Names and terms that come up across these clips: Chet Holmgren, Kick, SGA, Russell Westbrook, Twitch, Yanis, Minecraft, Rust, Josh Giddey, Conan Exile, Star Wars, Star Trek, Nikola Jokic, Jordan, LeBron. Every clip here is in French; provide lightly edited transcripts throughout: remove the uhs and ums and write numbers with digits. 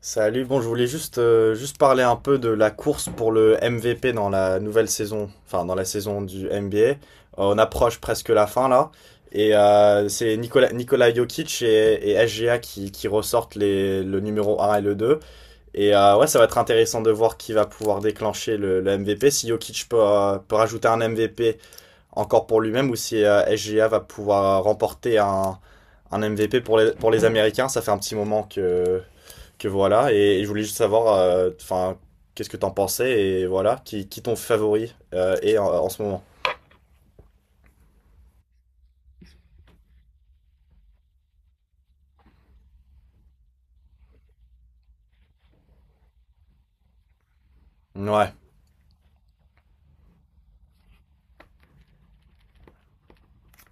Salut, bon, je voulais juste, juste parler un peu de la course pour le MVP dans la nouvelle saison, enfin dans la saison du NBA. On approche presque la fin là, c'est Nikola Jokic et SGA qui ressortent le numéro un et le 2. Ouais, ça va être intéressant de voir qui va pouvoir déclencher le MVP, si Jokic peut rajouter un MVP encore pour lui-même, ou si SGA va pouvoir remporter un MVP pour pour les Américains. Ça fait un petit moment que voilà, et je voulais juste savoir, enfin, qu'est-ce que t'en pensais, et voilà, qui ton favori est en ce moment. Ouais.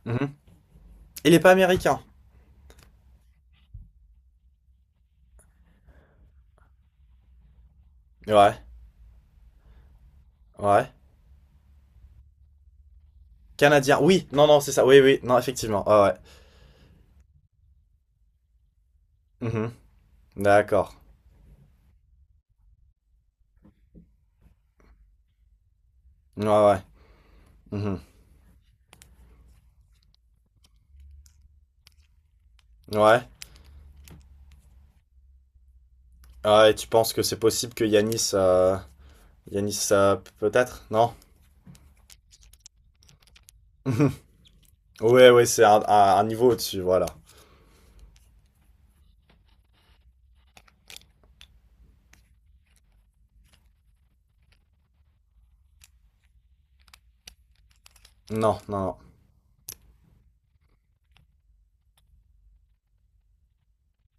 Mhm. Il est pas américain. Ouais. Ouais. Canadien. Oui. Non, non, c'est ça. Oui, oui. Non, effectivement. Ouais. Ouais. Mhm. D'accord. Ouais, ouais. Mhm. Ouais. Ah, et tu penses que c'est possible que Yanis, peut-être? Non? Mhm. Ouais, ouais, c'est un niveau au-dessus, voilà. Non, non, non.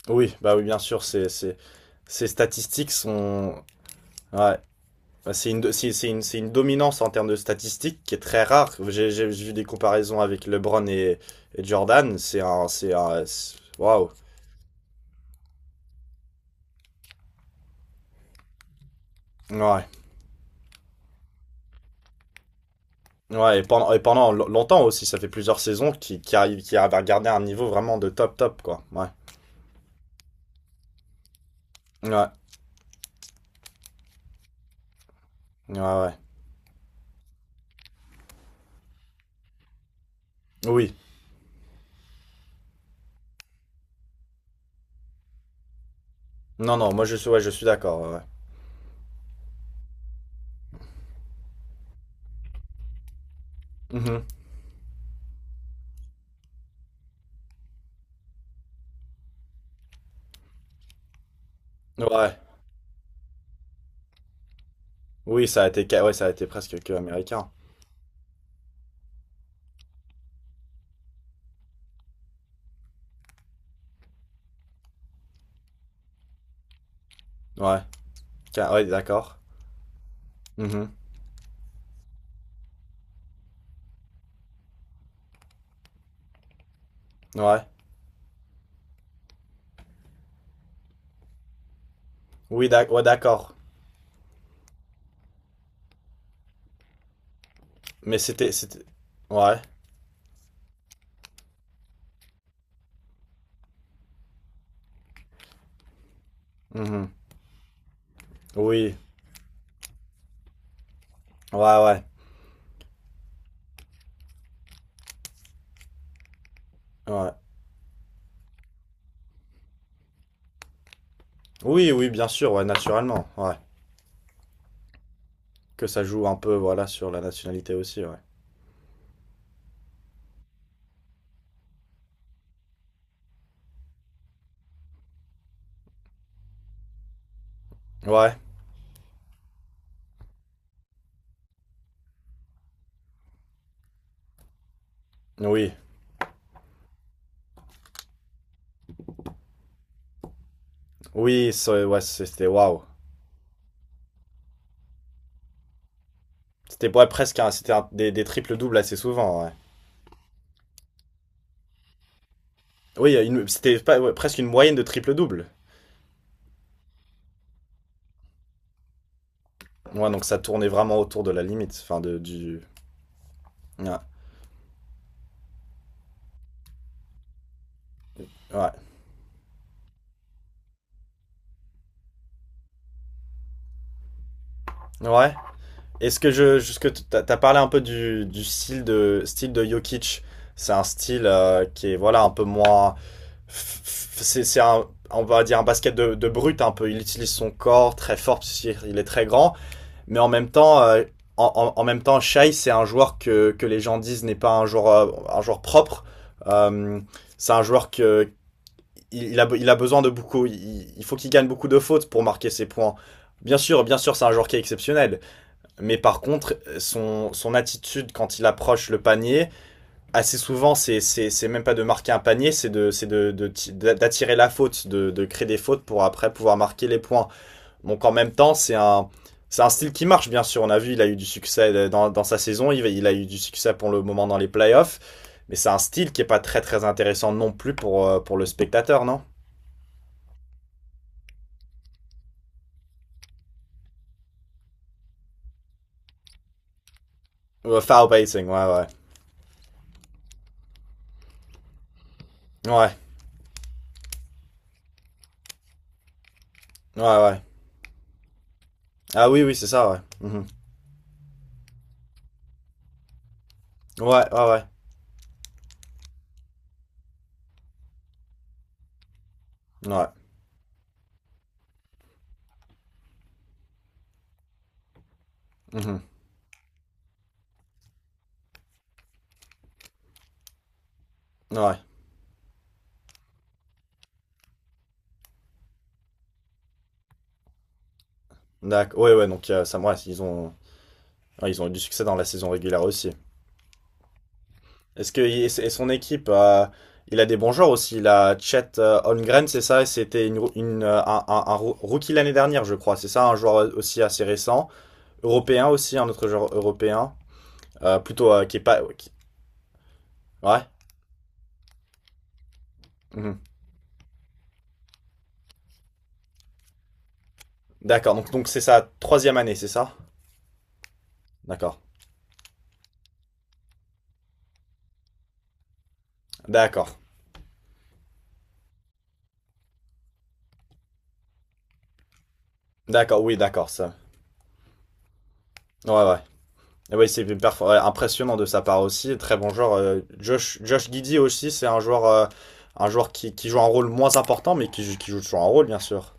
Oui, bah oui, bien sûr, c'est ces statistiques sont, ouais. Bah, c'est c'est c'est une dominance en termes de statistiques qui est très rare. J'ai vu des comparaisons avec LeBron et Jordan. C'est c'est- waouh. Ouais. Ouais, et pendant longtemps aussi, ça fait plusieurs saisons qui arrive à garder un niveau vraiment de top top, quoi. Ouais. Ouais. Ouais, ouais. Oui. Non, non, moi je suis, ouais, je suis d'accord. Ouais. Ouais. Mhm. Ouais. Oui, ça a ouais, ça a été presque que américain. Ouais. Ouais, d'accord. Mhm. Ouais. Oui, ouais, d'accord. Mais ouais. Mhm. Oui, ouais, ouais, ouais. Oui, oui, bien sûr, ouais, naturellement, ouais. Que ça joue un peu, voilà, sur la nationalité aussi, ouais. Ouais, oui, oui, ouais, c'était waouh. C'était ouais, presque un- c'était un- des triples-doubles assez souvent, ouais. Oui, une- c'était pas, ouais, presque une moyenne de triple-double. Ouais, donc ça tournait vraiment autour de la limite, enfin, de, du... Ouais, ouais. Ouais. Est-ce que je... est Jusque, t'as parlé un peu du style style de Jokic. C'est un style qui est, voilà, un peu moins... c'est un on va dire un basket brut un peu. Il utilise son corps très fort parce qu'il est très grand, mais en même temps, en même temps, Shai c'est un joueur que les gens disent n'est pas un joueur un joueur propre. Euh, c'est un joueur que il a besoin de beaucoup. Il faut qu'il gagne beaucoup de fautes pour marquer ses points. Bien sûr, c'est un joueur qui est exceptionnel. Mais par contre, son attitude quand il approche le panier, assez souvent, c'est même pas de marquer un panier, c'est d'attirer la faute, de créer des fautes pour après pouvoir marquer les points. Donc en même temps, c'est un style qui marche, bien sûr. On a vu, il a eu du succès dans sa saison, il a eu du succès pour le moment dans les playoffs. Mais c'est un style qui est pas très très intéressant non plus pour le spectateur, non. Ouais, Foul pacing, ouais, ouais. Ouais, ouais, ouais. Ah oui, oui, c'est ça, ouais. Mhm. Ouais, ouais, ouais. Ouais. Mhm. Ouais. D'accord. Ouais, ouais, donc ouais, ils ont eu du succès dans la saison régulière aussi. Est-ce que et son équipe, il a des bons joueurs aussi. Il a Chet Holmgren, c'est ça. C'était une, un roo- rookie l'année dernière, je crois. C'est ça, un joueur aussi assez récent. Européen aussi, un autre joueur européen. Plutôt qui est pas. Ouais, qui- Ouais. Mhm. D'accord. Donc c'est sa troisième année, c'est ça? D'accord. D'accord. D'accord. Oui, d'accord. Ça. Ouais, ouais. Et oui, ouais, impressionnant de sa part aussi. Très bon joueur. Josh Giddey aussi, c'est un joueur qui joue un rôle moins important, mais qui joue toujours un rôle, bien sûr.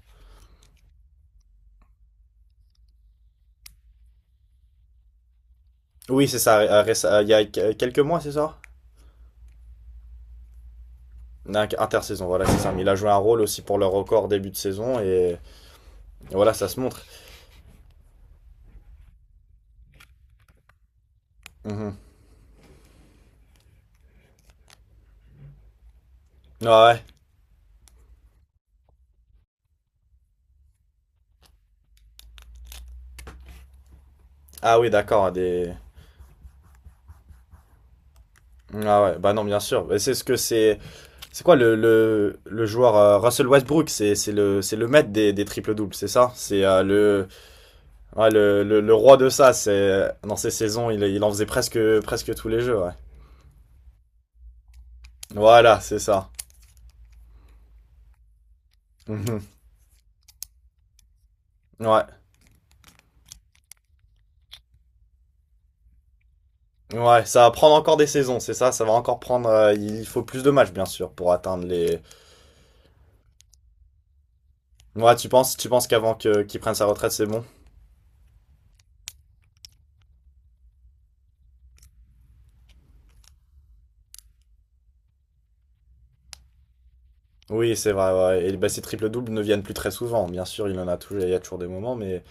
Oui, c'est ça. Il y a quelques mois, c'est ça? Non, intersaison, voilà, c'est ça. Mais il a joué un rôle aussi pour le record début de saison et voilà, ça se montre. Mhm. Ah ouais. Ah oui, d'accord. Des... Ah ouais, bah non, bien sûr. Mais c'est ce que c'est. C'est quoi le joueur Russell Westbrook? C'est le maître des triples-doubles, c'est ça? C'est ouais, le roi de ça. C'est dans ces saisons, il en faisait presque tous les jeux, ouais. Voilà, c'est ça. Mhm. Ouais. Ouais, ça va prendre encore des saisons, c'est ça, ça va encore prendre il faut plus de matchs bien sûr pour atteindre les. Ouais, tu penses qu'avant que qu'il prenne sa retraite, c'est bon? Oui, c'est vrai, ouais. Et bah, ces triple-doubles ne viennent plus très souvent. Bien sûr, il en a toujours, il y a toujours des moments mais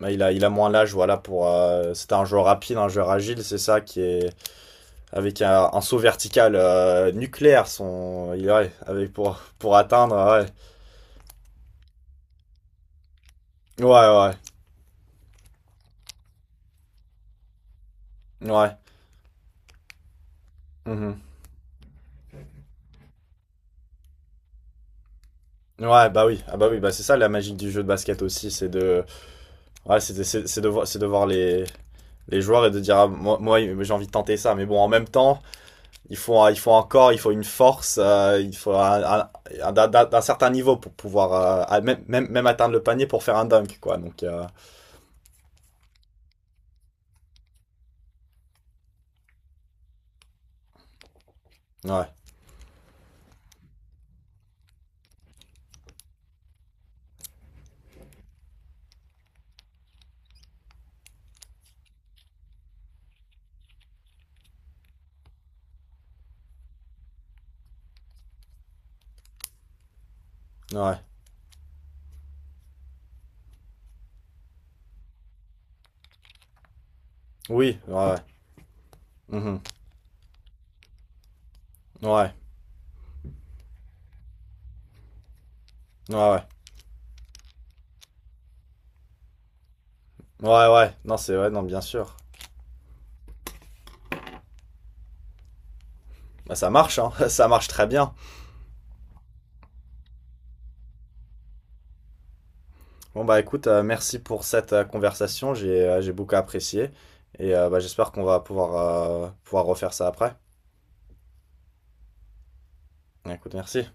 bah, il a moins l'âge voilà pour c'était un joueur rapide, un joueur agile, c'est ça qui est avec un saut vertical nucléaire son il ouais, avec pour atteindre ouais. Ouais ouais. Ouais. Mhm. Ouais, bah oui. Ah bah oui, bah c'est ça la magie du jeu de basket aussi, c'est de. Ouais, c'est de voir les joueurs et de dire, ah, moi j'ai envie de tenter ça. Mais bon, en même temps, il faut encore, il faut une force, il faut un- d'un- d'un d'un certain niveau pour pouvoir, même atteindre le panier pour faire un dunk, quoi. Donc, ouais, ouais. Oui, ouais, ouais. Mhm. Ouais, ouais, ouais. Ouais, ouais. Non, c'est, ouais, non, bien sûr. Bah, ça marche, hein. Ça marche très bien. Bon, bah, écoute, merci pour cette conversation. J'ai beaucoup apprécié. Et bah, j'espère qu'on va pouvoir, pouvoir refaire ça après. Écoute, merci.